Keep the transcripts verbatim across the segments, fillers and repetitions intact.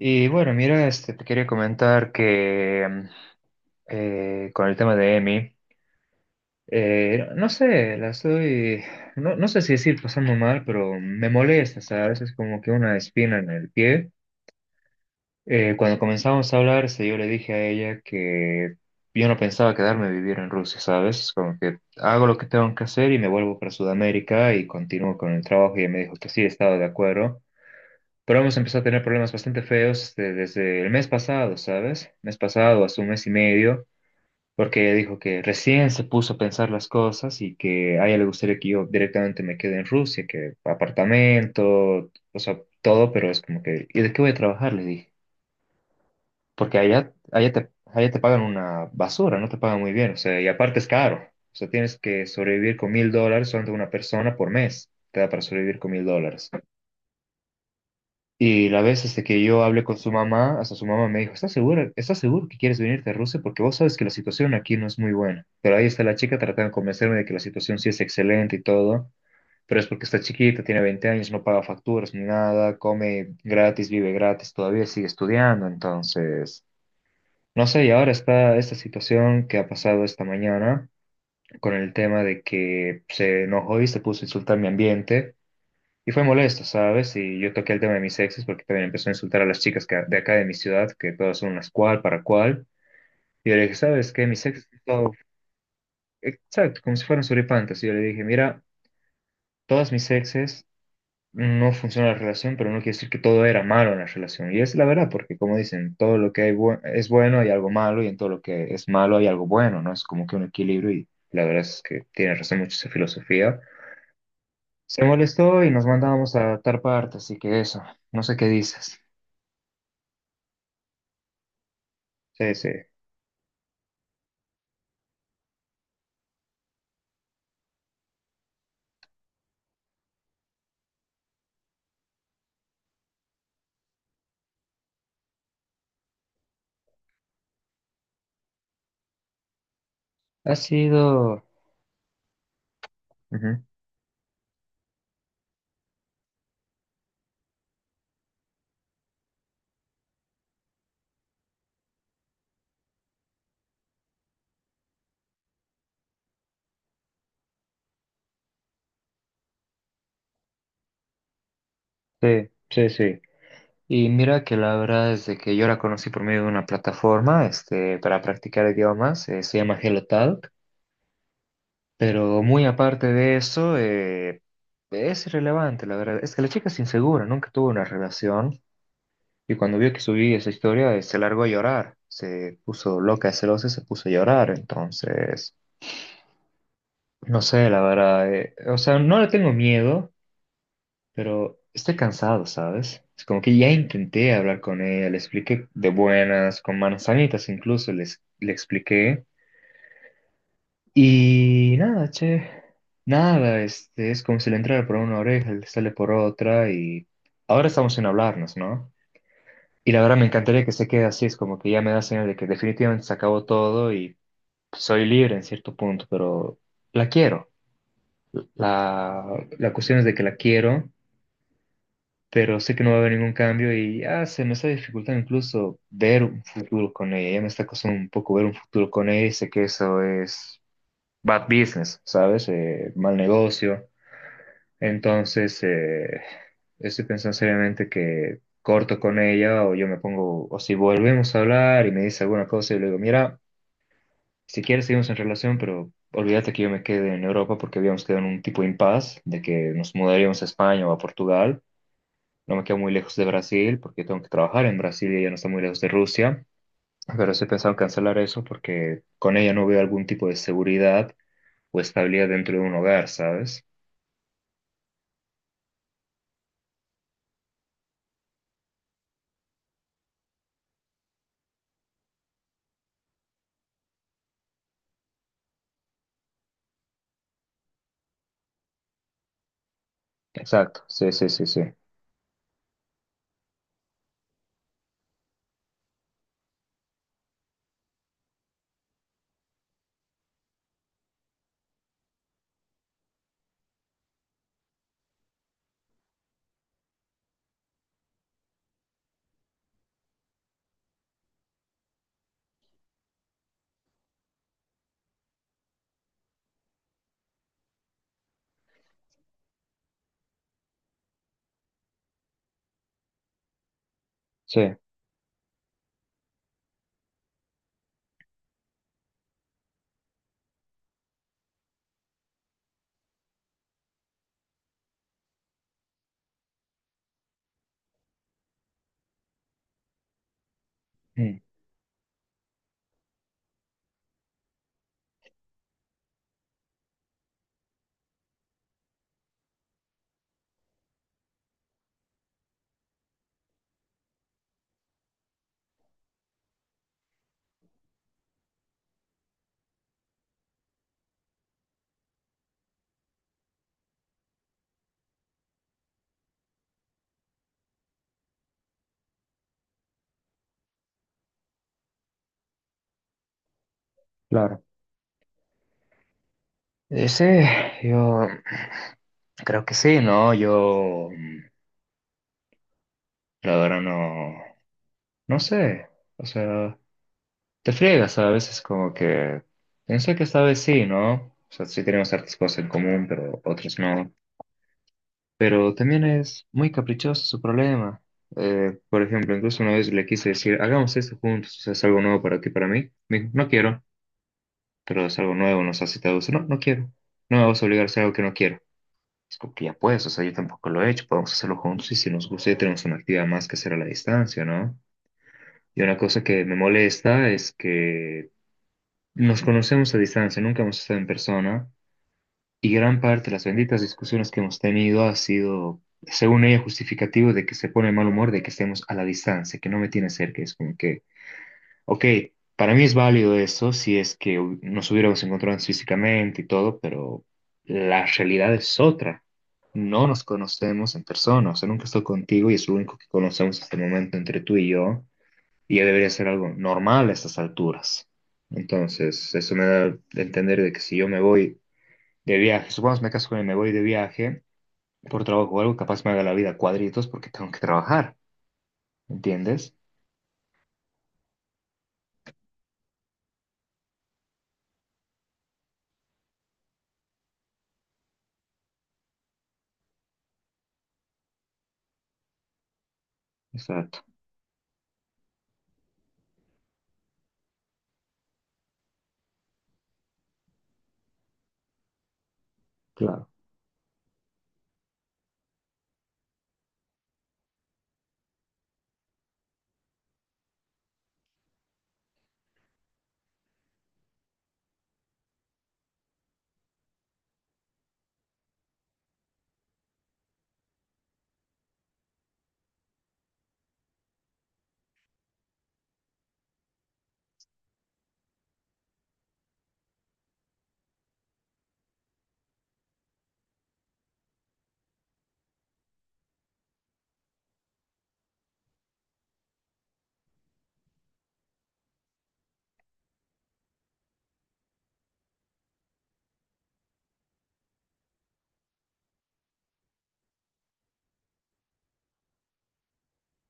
Y bueno, mira, este, te quería comentar que mm, eh, con el tema de Emi, eh, no sé, la estoy, no, no sé si decir pasando mal, pero me molesta, ¿sabes? Es como que una espina en el pie. Eh, cuando comenzamos a hablar, este, yo le dije a ella que yo no pensaba quedarme a vivir en Rusia, ¿sabes? Es como que hago lo que tengo que hacer y me vuelvo para Sudamérica y continúo con el trabajo. Y ella me dijo que sí, estaba de acuerdo. Pero hemos empezado a tener problemas bastante feos este, desde el mes pasado, ¿sabes? Mes pasado, hace un mes y medio, porque ella dijo que recién se puso a pensar las cosas y que a ella le gustaría que yo directamente me quede en Rusia, que apartamento, o sea, todo, pero es como que, ¿y de qué voy a trabajar? Le dije, porque allá, allá te, allá te pagan una basura, no te pagan muy bien, o sea, y aparte es caro, o sea, tienes que sobrevivir con mil dólares solamente, una persona por mes, te da para sobrevivir con mil dólares. Y la vez hasta que yo hablé con su mamá, hasta su mamá me dijo, ¿estás segura, estás seguro que quieres venirte a Rusia? Porque vos sabes que la situación aquí no es muy buena. Pero ahí está la chica tratando de convencerme de que la situación sí es excelente y todo, pero es porque está chiquita, tiene veinte años, no paga facturas ni nada, come gratis, vive gratis, todavía sigue estudiando, entonces… No sé, y ahora está esta situación que ha pasado esta mañana con el tema de que se enojó y se puso a insultar mi ambiente y fue molesto, ¿sabes? Y yo toqué el tema de mis exes porque también empezó a insultar a las chicas que- de acá de mi ciudad, que todas son unas cual para cual. Y yo le dije, ¿sabes qué? Mis exes, son… Exacto, como si fueran suripantas. Y yo le dije, mira, todas mis exes no funciona la relación, pero no quiere decir que todo era malo en la relación. Y es la verdad, porque como dicen, todo lo que hay bu- es bueno hay algo malo, y en todo lo que es malo hay algo bueno, ¿no? Es como que un equilibrio, y la verdad es que tiene razón mucho esa filosofía. Se molestó y nos mandábamos a adaptar parte, así que eso, no sé qué dices. Sí, sí. Ha sido… Ujú. Sí, sí, sí. Y mira que la verdad es de que yo la conocí por medio de una plataforma, este, para practicar idiomas, eh, se llama HelloTalk, pero muy aparte de eso, eh, es irrelevante, la verdad. Es que la chica es insegura, nunca tuvo una relación, y cuando vio que subí esa historia, eh, se largó a llorar, se puso loca, de celosa, y se puso a llorar, entonces, no sé, la verdad, eh, o sea, no le tengo miedo. Pero está cansado, ¿sabes? Es como que ya intenté hablar con ella, le expliqué de buenas, con manzanitas incluso, les, le expliqué. Y nada, che, nada, este, es como si le entrara por una oreja, le sale por otra y ahora estamos sin hablarnos, ¿no? Y la verdad me encantaría que se quede así, es como que ya me da señal de que definitivamente se acabó todo y soy libre en cierto punto, pero la quiero. La, la cuestión es de que la quiero pero sé que no va a haber ningún cambio y ah, se me está dificultando incluso ver un futuro con ella. Ya me está costando un poco ver un futuro con ella y sé que eso es bad business, ¿sabes? Eh, mal negocio. Entonces, eh, estoy pensando seriamente que corto con ella o yo me pongo, o si volvemos a hablar y me dice alguna cosa y le digo, mira, si quieres seguimos en relación, pero olvídate que yo me quede en Europa porque habíamos quedado en un tipo de impas de que nos mudaríamos a España o a Portugal, no me quedo muy lejos de Brasil porque tengo que trabajar en Brasil y ella no está muy lejos de Rusia, pero sí he pensado en cancelar eso porque con ella no veo algún tipo de seguridad o estabilidad dentro de un hogar, ¿sabes? Exacto, sí, sí, sí, sí, sí, mm, claro. Eh, sí, yo creo que sí, ¿no? Yo, mm, la verdad, no, no sé, o sea, te friegas a veces como que, pensé que esta vez sí, ¿no? O sea, sí tenemos ciertas cosas en común, pero otras no. Pero también es muy caprichoso su problema. Eh, por ejemplo, incluso una vez le quise decir, hagamos esto juntos, o sea, es algo nuevo para ti, para mí. Me dijo, no quiero, pero es algo nuevo, nos hace todo eso. No, no quiero. No me vas a obligar a hacer algo que no quiero. Es como que ya puedes, o sea, yo tampoco lo he hecho, podemos hacerlo juntos y si nos gusta ya tenemos una actividad más que hacer a la distancia, ¿no? Y una cosa que me molesta es que nos conocemos a distancia, nunca hemos estado en persona. Y gran parte de las benditas discusiones que hemos tenido ha sido, según ella, justificativo de que se pone de mal humor, de que estemos a la distancia, que no me tiene cerca. Es como que, ok, para mí es válido eso si es que hu- nos hubiéramos encontrado físicamente y todo, pero la realidad es otra. No nos conocemos en persona, o sea, nunca estoy contigo y es lo único que conocemos hasta el momento entre tú y yo, y ya debería ser algo normal a estas alturas. Entonces, eso me da a entender de que si yo me voy de viaje. Supongamos me caso con él, me voy de viaje por trabajo o algo, capaz me haga la vida cuadritos porque tengo que trabajar. ¿Entiendes? Exacto, claro.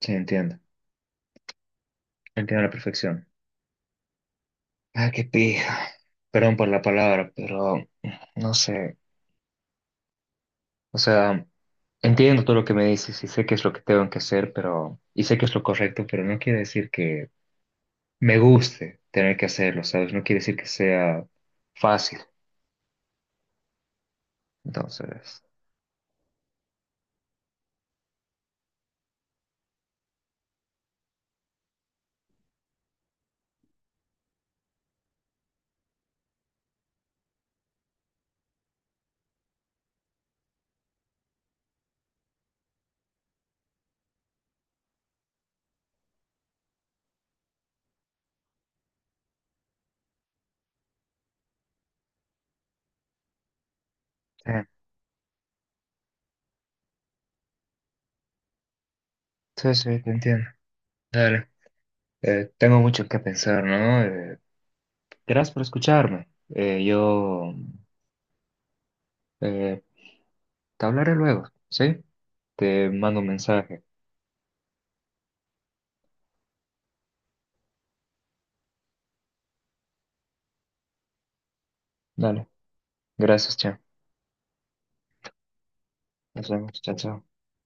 Sí, entiendo. Entiendo a la perfección. Ah, qué pija. Perdón por la palabra, pero no sé. O sea, entiendo todo lo que me dices y sé qué es lo que tengo que hacer, pero y sé que es lo correcto, pero no quiere decir que me guste tener que hacerlo, ¿sabes? No quiere decir que sea fácil. Entonces, eh, sí, sí, te entiendo. Dale. Eh, tengo mucho que pensar, ¿no? Eh, gracias por escucharme. Eh, yo eh, te hablaré luego, ¿sí? Te mando un mensaje. Dale. Gracias, chao. Nos vemos. Chao, chao.